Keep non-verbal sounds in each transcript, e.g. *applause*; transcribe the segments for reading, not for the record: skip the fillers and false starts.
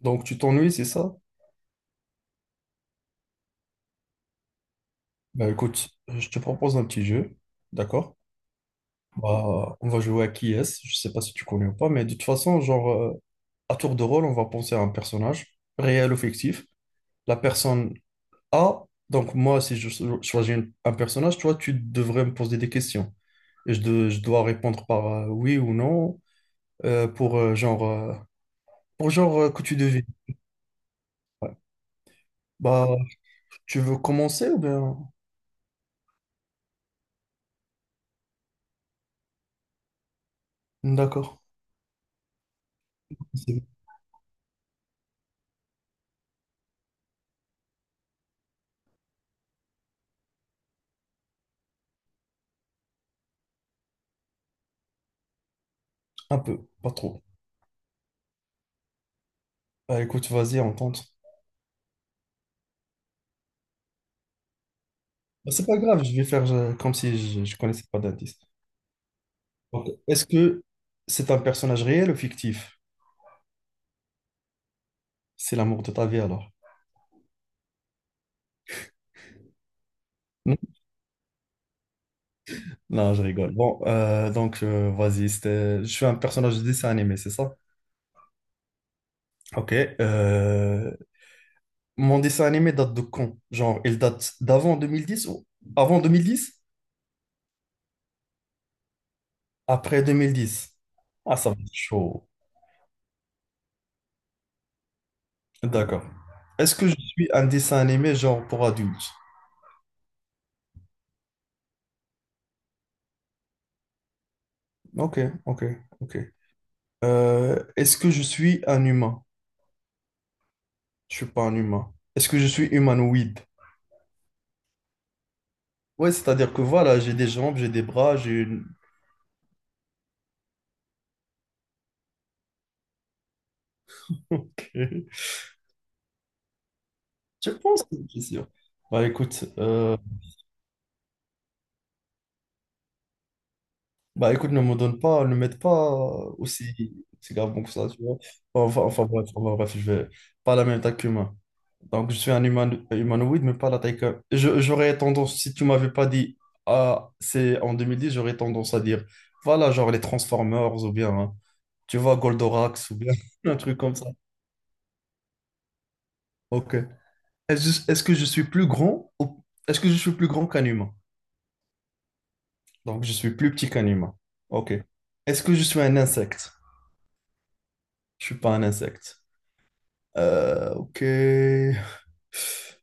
Donc, tu t'ennuies, c'est ça? Ben, écoute, je te propose un petit jeu, d'accord? Bah, on va jouer à qui est-ce, je sais pas si tu connais ou pas, mais de toute façon, genre, à tour de rôle, on va penser à un personnage, réel ou fictif. La personne A, donc moi, si choisis un personnage, toi, tu devrais me poser des questions. Je dois répondre par oui ou non, pour, genre, pour genre que tu devines. Ouais. Bah, tu veux commencer ou bien... D'accord. C'est un peu, pas trop. Bah écoute, vas-y, on tente. Bah, c'est pas grave, je vais faire comme si je connaissais pas d'indice. Donc, est-ce que c'est un personnage réel ou fictif? C'est l'amour de ta vie alors. Non, non, je rigole. Bon, donc vas-y, je suis un personnage de dessin animé, c'est ça? Ok. euh, Mon dessin animé date de quand? Genre, il date d'avant 2010 ou avant 2010? Après 2010. Ah, ça va être chaud. D'accord. Est-ce que je suis un dessin animé genre pour adultes? Ok, ok, ok. Est-ce que je suis un humain? Je suis pas un humain. Est-ce que je suis humanoïde? Ouais, c'est-à-dire que voilà, j'ai des jambes, j'ai des bras, j'ai une... *laughs* Ok. Je pense que c'est sûr. Bah écoute, euh, bah écoute, ne me donne pas, ne m'aide pas aussi, aussi grave que ça, tu vois. Enfin, bref, je vais pas à la même taille qu'humain. Donc, je suis un humanoïde, mais pas la taille que. J'aurais tendance, si tu m'avais pas dit, ah, c'est en deux mille dix, j'aurais tendance à dire, voilà, genre les Transformers, ou bien, hein, tu vois, Goldorak, ou bien *laughs* un truc comme ça. Ok. Est-ce que je suis plus grand est-ce que je suis plus grand qu'un humain? Donc, je suis plus petit qu'un humain. Ok. Est-ce que je suis un insecte? Je suis pas un insecte. Ok.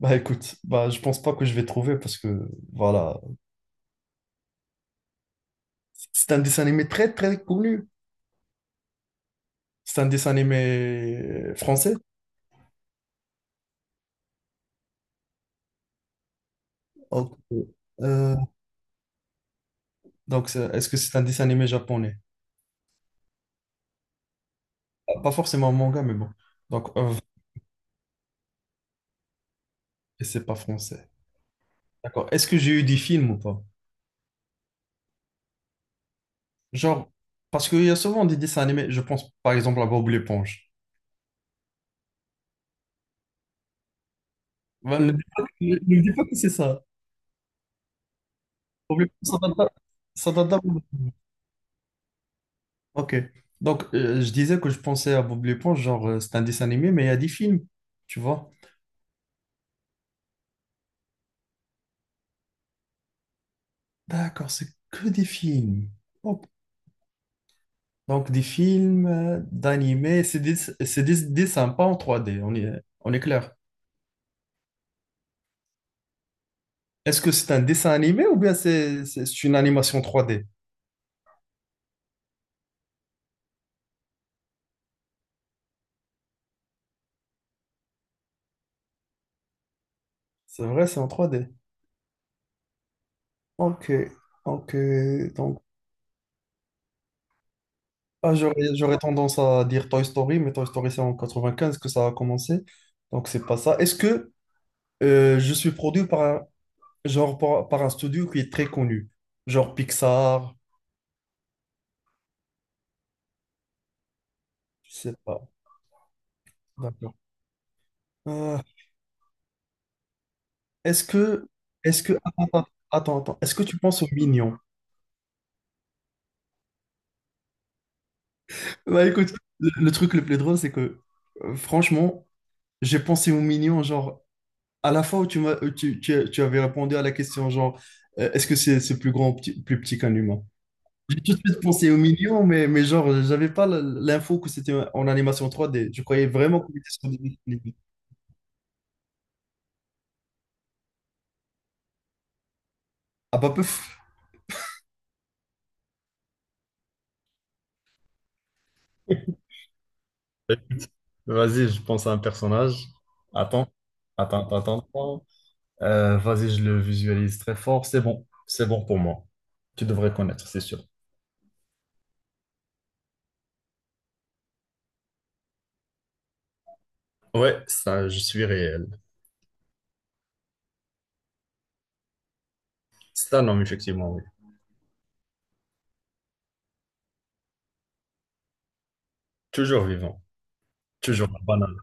Bah écoute, bah je pense pas que je vais trouver parce que voilà, c'est un dessin animé très très connu. C'est un dessin animé français? Ok. Euh, donc, est-ce que c'est un dessin animé japonais? Pas forcément un manga, mais bon. Donc, et c'est pas français. D'accord. Est-ce que j'ai eu des films ou pas? Genre, parce qu'il y a souvent des dessins animés. Je pense, par exemple, à Bob l'éponge. Ben, ne dis pas que c'est ça. Bob l'éponge, ça date d'avant. Ça date d'avant. Ok. Donc, je disais que je pensais à Bob l'éponge, genre, c'est un dessin animé, mais il y a des films. Tu vois? D'accord, c'est que des films. Ok. Donc, des films, d'animés, c'est des dessins, pas en 3D, on est clair. Est-ce que c'est un dessin animé ou bien c'est une animation 3D? C'est vrai, c'est en 3D. Ok, ok. Donc, ah, j'aurais tendance à dire Toy Story, mais Toy Story, c'est en 95 que ça a commencé. Donc, c'est pas ça. Est-ce que je suis produit par genre, par un studio qui est très connu? Genre Pixar, je sais pas. D'accord. Est-ce que, est-ce que, attends. Est-ce que tu penses aux mignons? Bah écoute, le truc le plus drôle, c'est que, franchement, j'ai pensé aux mignons, genre, à la fois où tu m'as, tu avais répondu à la question, genre, est-ce que c'est plus grand ou plus petit qu'un humain? J'ai tout de suite pensé aux mignons, mais genre, j'avais pas l'info que c'était en animation 3D. Je croyais vraiment qu'on était sur des dessins animés. Ah bah, peuf. C'est un personnage. Attends, attends. Vas-y, je le visualise très fort. C'est bon pour moi. Tu devrais connaître, c'est sûr. Ouais, ça, je suis réel. C'est un homme, effectivement, oui. Toujours vivant, toujours banal.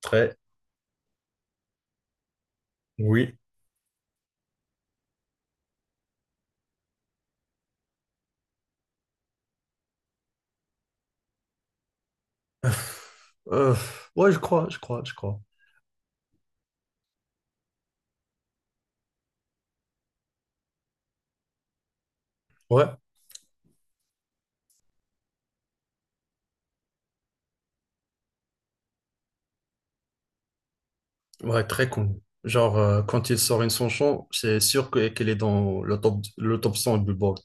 Très, oui. *laughs* Euh, ouais, je crois. Ouais, ouais, très connu. Genre, quand il sort une chanson, c'est sûr qu'elle est dans le top 100 du Billboard.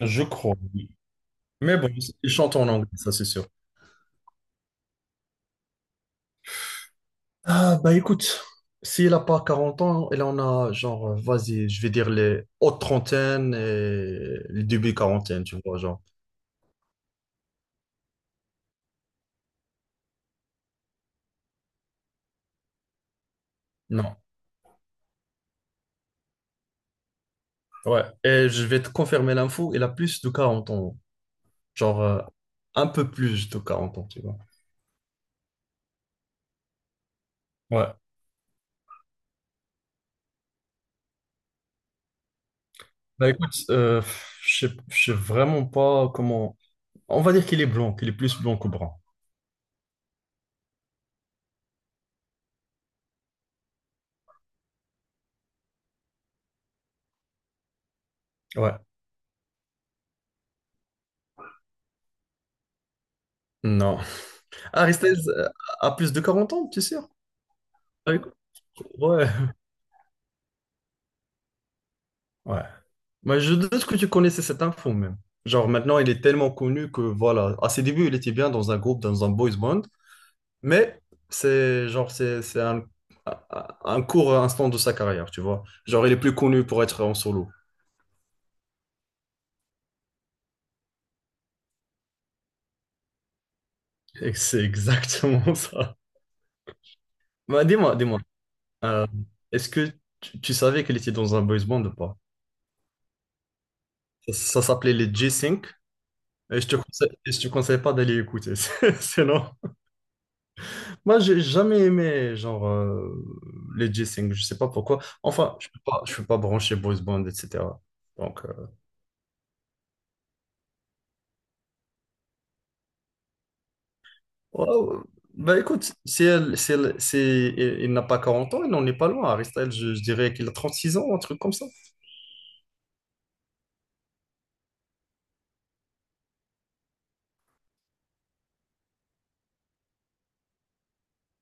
Je crois, oui. Mais bon, il chante en anglais, ça, c'est sûr. Ah, bah écoute, si elle a pas 40 ans, elle en a genre, vas-y, je vais dire les hautes trentaines et les débuts quarantaines, tu vois, genre. Non. Ouais. Et je vais te confirmer l'info, elle a plus de 40 ans. Genre, un peu plus de quarante ans, tu vois. Ouais. Bah écoute, je sais vraiment pas comment. On va dire qu'il est blond, qu'il est plus blond que brun. Ouais. Non. Aristote a plus de 40 ans, tu sais? Ah, écoute, ouais, ouais. Mais je doute que tu connaissais cette info même. Genre maintenant, il est tellement connu que voilà, à ses débuts, il était bien dans un groupe, dans un boys band, mais c'est genre c'est un court instant de sa carrière, tu vois. Genre il est plus connu pour être en solo. Et c'est exactement *laughs* ça. Bah, dis-moi, euh, est-ce que tu savais qu'il était dans un boys band ou pas? Ça s'appelait les G-Sync et et je te conseille pas d'aller écouter, *laughs* sinon. Moi, j'ai jamais aimé genre les G-Sync, je sais pas pourquoi. Enfin, je peux pas brancher Bruce Band, etc. Donc, ouais, ouais. Bah écoute, si elle, si il n'a pas 40 ans, il n'en est pas loin. Harry Styles, je dirais qu'il a 36 ans, un truc comme ça.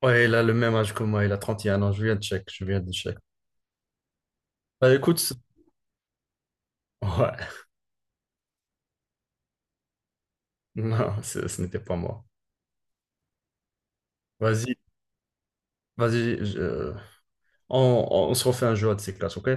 Ouais, il a le même âge que moi, il a 31 ans. Je viens de check, je viens de check. Bah écoute, c'est- ouais, *laughs* non, ce n'était pas moi. Vas-y, vas-y, je- on se refait un jeu à de ces classes, ok?